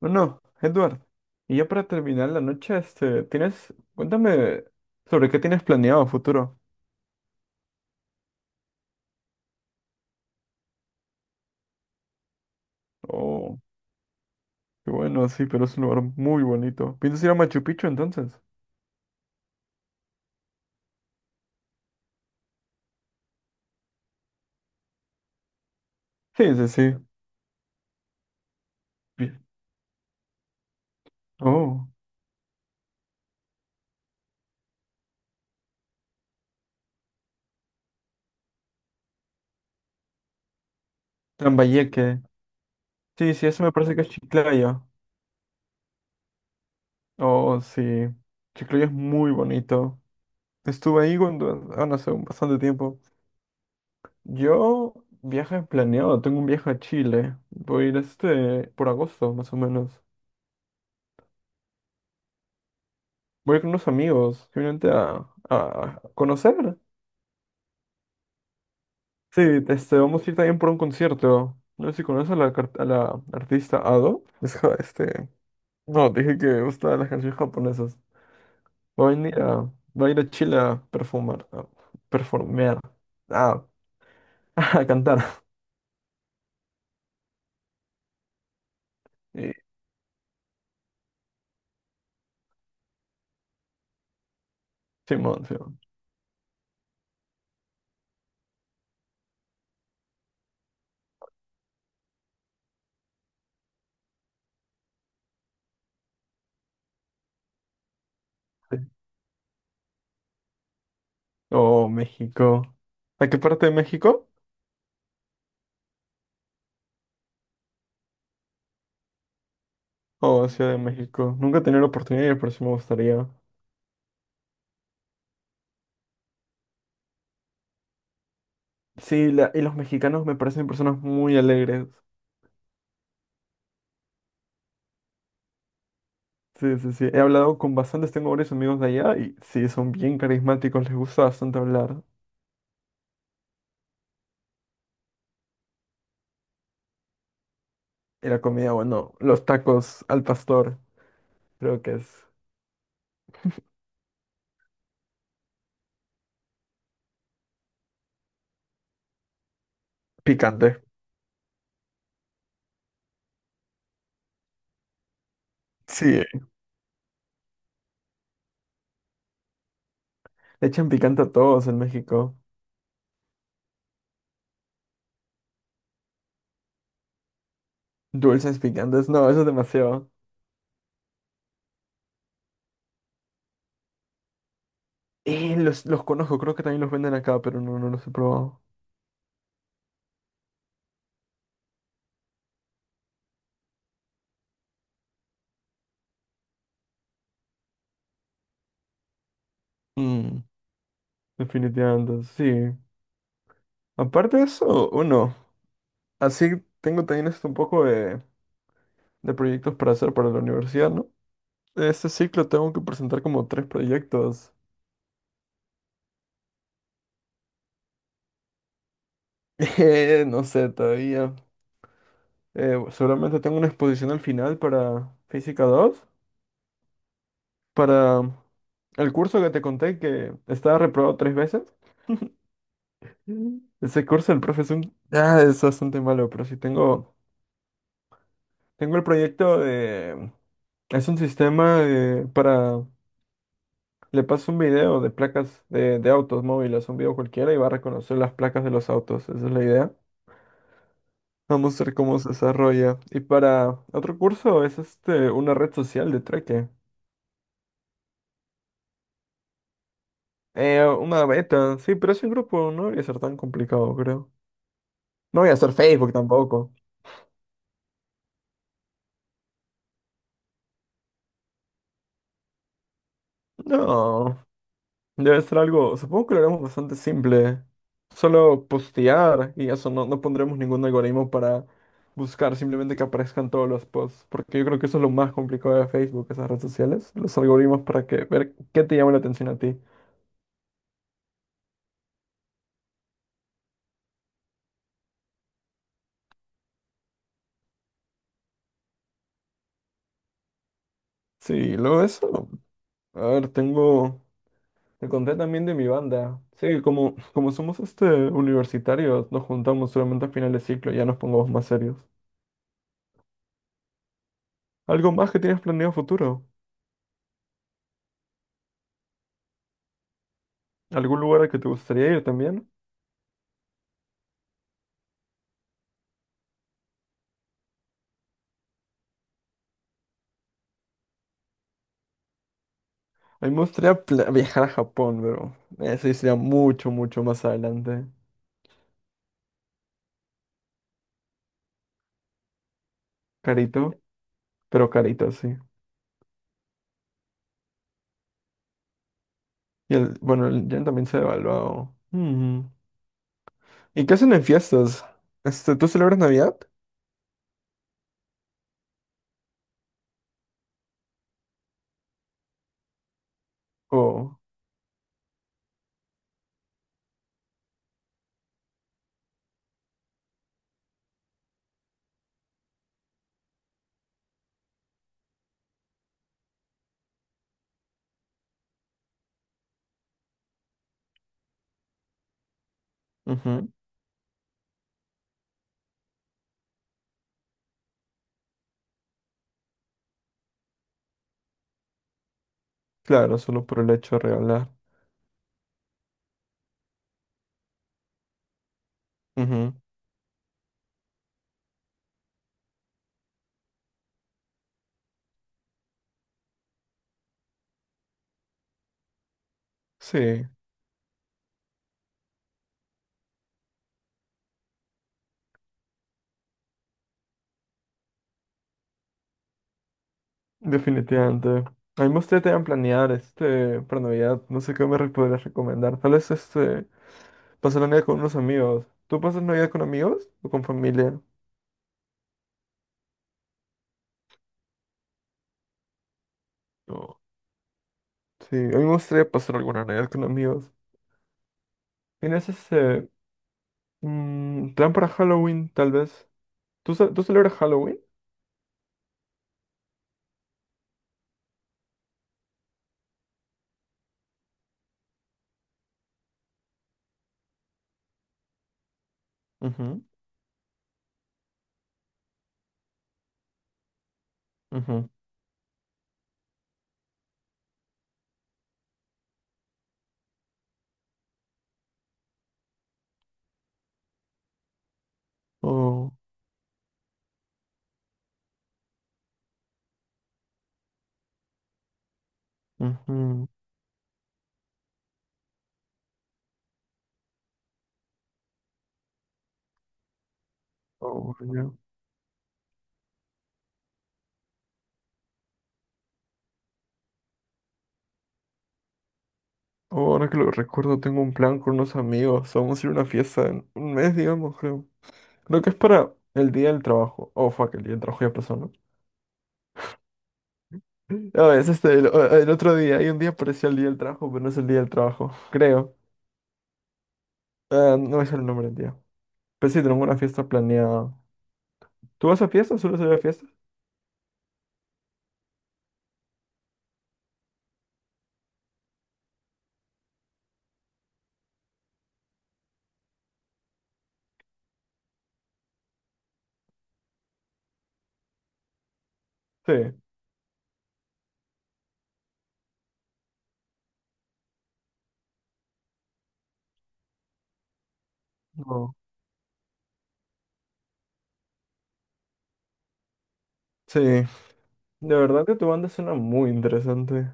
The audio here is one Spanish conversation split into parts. Bueno, Edward, y ya para terminar la noche, cuéntame sobre qué tienes planeado a futuro. Oh, qué bueno, sí, pero es un lugar muy bonito. ¿Piensas ir a Machu Picchu entonces? Sí, sí, sí. Bien. Oh, Trambayeque. Sí, sí, eso me parece que es Chiclayo. Oh, sí. Chiclayo es muy bonito. Estuve ahí cuando, ah, no sé, un bastante tiempo. Yo Tengo un viaje a Chile. Voy a ir por agosto, más o menos. Voy con unos amigos, simplemente a conocer. Sí, vamos a ir también por un concierto. No sé si conoces a la artista Ado. No, dije que me gustan las canciones japonesas. Va a venir a, Va a ir a Chile a performear, a, a cantar. Y, Simón, Simón. Sí. Oh, México. ¿A qué parte de México? Oh, Ciudad de México. Nunca he tenido la oportunidad, pero sí me gustaría. Sí, y los mexicanos me parecen personas muy alegres. Sí, sí, sí. He hablado con bastantes, tengo varios amigos de allá y sí, son bien carismáticos, les gusta bastante hablar. Y la comida, bueno, los tacos al pastor, creo que es picante. Sí, le echan picante a todos en México. Dulces picantes, no, eso es demasiado. Los conozco, creo que también los venden acá, pero no, no los he probado. Mm, definitivamente, sí. Aparte de eso, uno, así tengo también esto un poco de proyectos para hacer para la universidad, ¿no? Este ciclo tengo que presentar como tres proyectos. No sé todavía. Seguramente tengo una exposición al final para Física 2. Para el curso que te conté que estaba reprobado tres veces. Mm. Ese curso el profe es bastante malo, pero sí tengo. Tengo el proyecto de. Es un sistema para. Le paso un video de placas de autos móviles, un video cualquiera y va a reconocer las placas de los autos. Esa es la idea. Vamos a ver cómo se desarrolla. Y para otro curso es una red social de Treke. Una beta, sí, pero es un grupo, no debería ser tan complicado, creo. No voy a hacer Facebook tampoco. No, debe ser algo, supongo que lo haremos bastante simple. Solo postear y eso, no, no pondremos ningún algoritmo para buscar simplemente que aparezcan todos los posts, porque yo creo que eso es lo más complicado de Facebook, esas redes sociales, los algoritmos para que ver qué te llama la atención a ti. Sí, luego de eso, a ver, tengo. Te conté también de mi banda. Sí, como somos universitarios, nos juntamos solamente a final de ciclo, ya nos pongamos más serios. ¿Algo más que tienes planeado a futuro? ¿Algún lugar al que te gustaría ir también? A mí me gustaría viajar a Japón, pero eso sería mucho, mucho más adelante. Carito, pero carito, sí. Y, bueno, el yen también se ha devaluado. Ujú. ¿Y qué hacen en fiestas? ¿Tú celebras Navidad? Oh, ujú. Claro, solo por el hecho de regalar. Ujú. Sí. Definitivamente. A mí me gustaría también planear para Navidad. No sé qué podrías recomendar. Tal vez pasar la Navidad con unos amigos. ¿Tú pasas Navidad con amigos o con familia? No. Sí, a mí me gustaría pasar alguna Navidad con amigos. ¿Tienes ese plan para Halloween, tal vez? ¿Tú celebras Halloween? Ujú, ujú. Oh, ujú. Oh, ya. Oh, ahora que lo recuerdo, tengo un plan con unos amigos. Vamos a ir a una fiesta en un mes, digamos, creo. Creo que es para el día del trabajo. Oh, fuck, el día del trabajo ya pasó, ¿no? No, es el otro día. Hay un día parecía el día del trabajo, pero no es el día del trabajo, creo. Ah, no es el nombre del día. Pero sí, tenemos una fiesta planeada. ¿Tú vas a fiestas? ¿Sueles ir a fiestas? Sí. No. Sí. De verdad que tu banda suena muy interesante.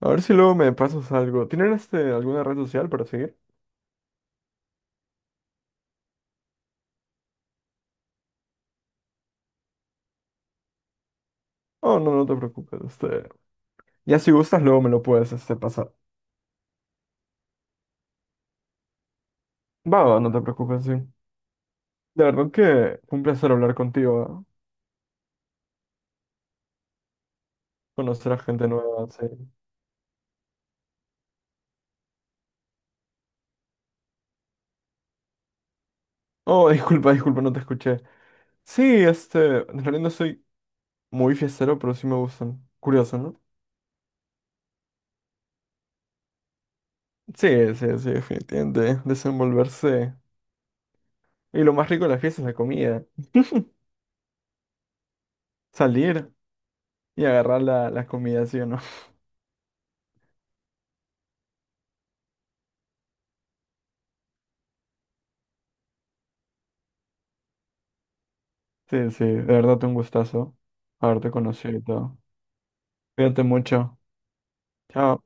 A ver si luego me pasas algo. ¿Tienen alguna red social para seguir? Oh, no, no te preocupes. Ya si gustas, luego me lo puedes pasar. Va, va, no te preocupes, sí. De verdad que fue un placer hablar contigo, ¿ah? Conocer a gente nueva, sí. Oh, disculpa, disculpa, no te escuché. Sí, en realidad no soy muy fiestero, pero sí me gustan. Curioso, ¿no? Sí, sí, sí, definitivamente. Desenvolverse. Y lo más rico de la fiesta es la comida. Salir y agarrar la comida, ¿sí o no? Sí, sí, de verdad un gustazo haberte conocido y todo. Cuídate mucho. Chao.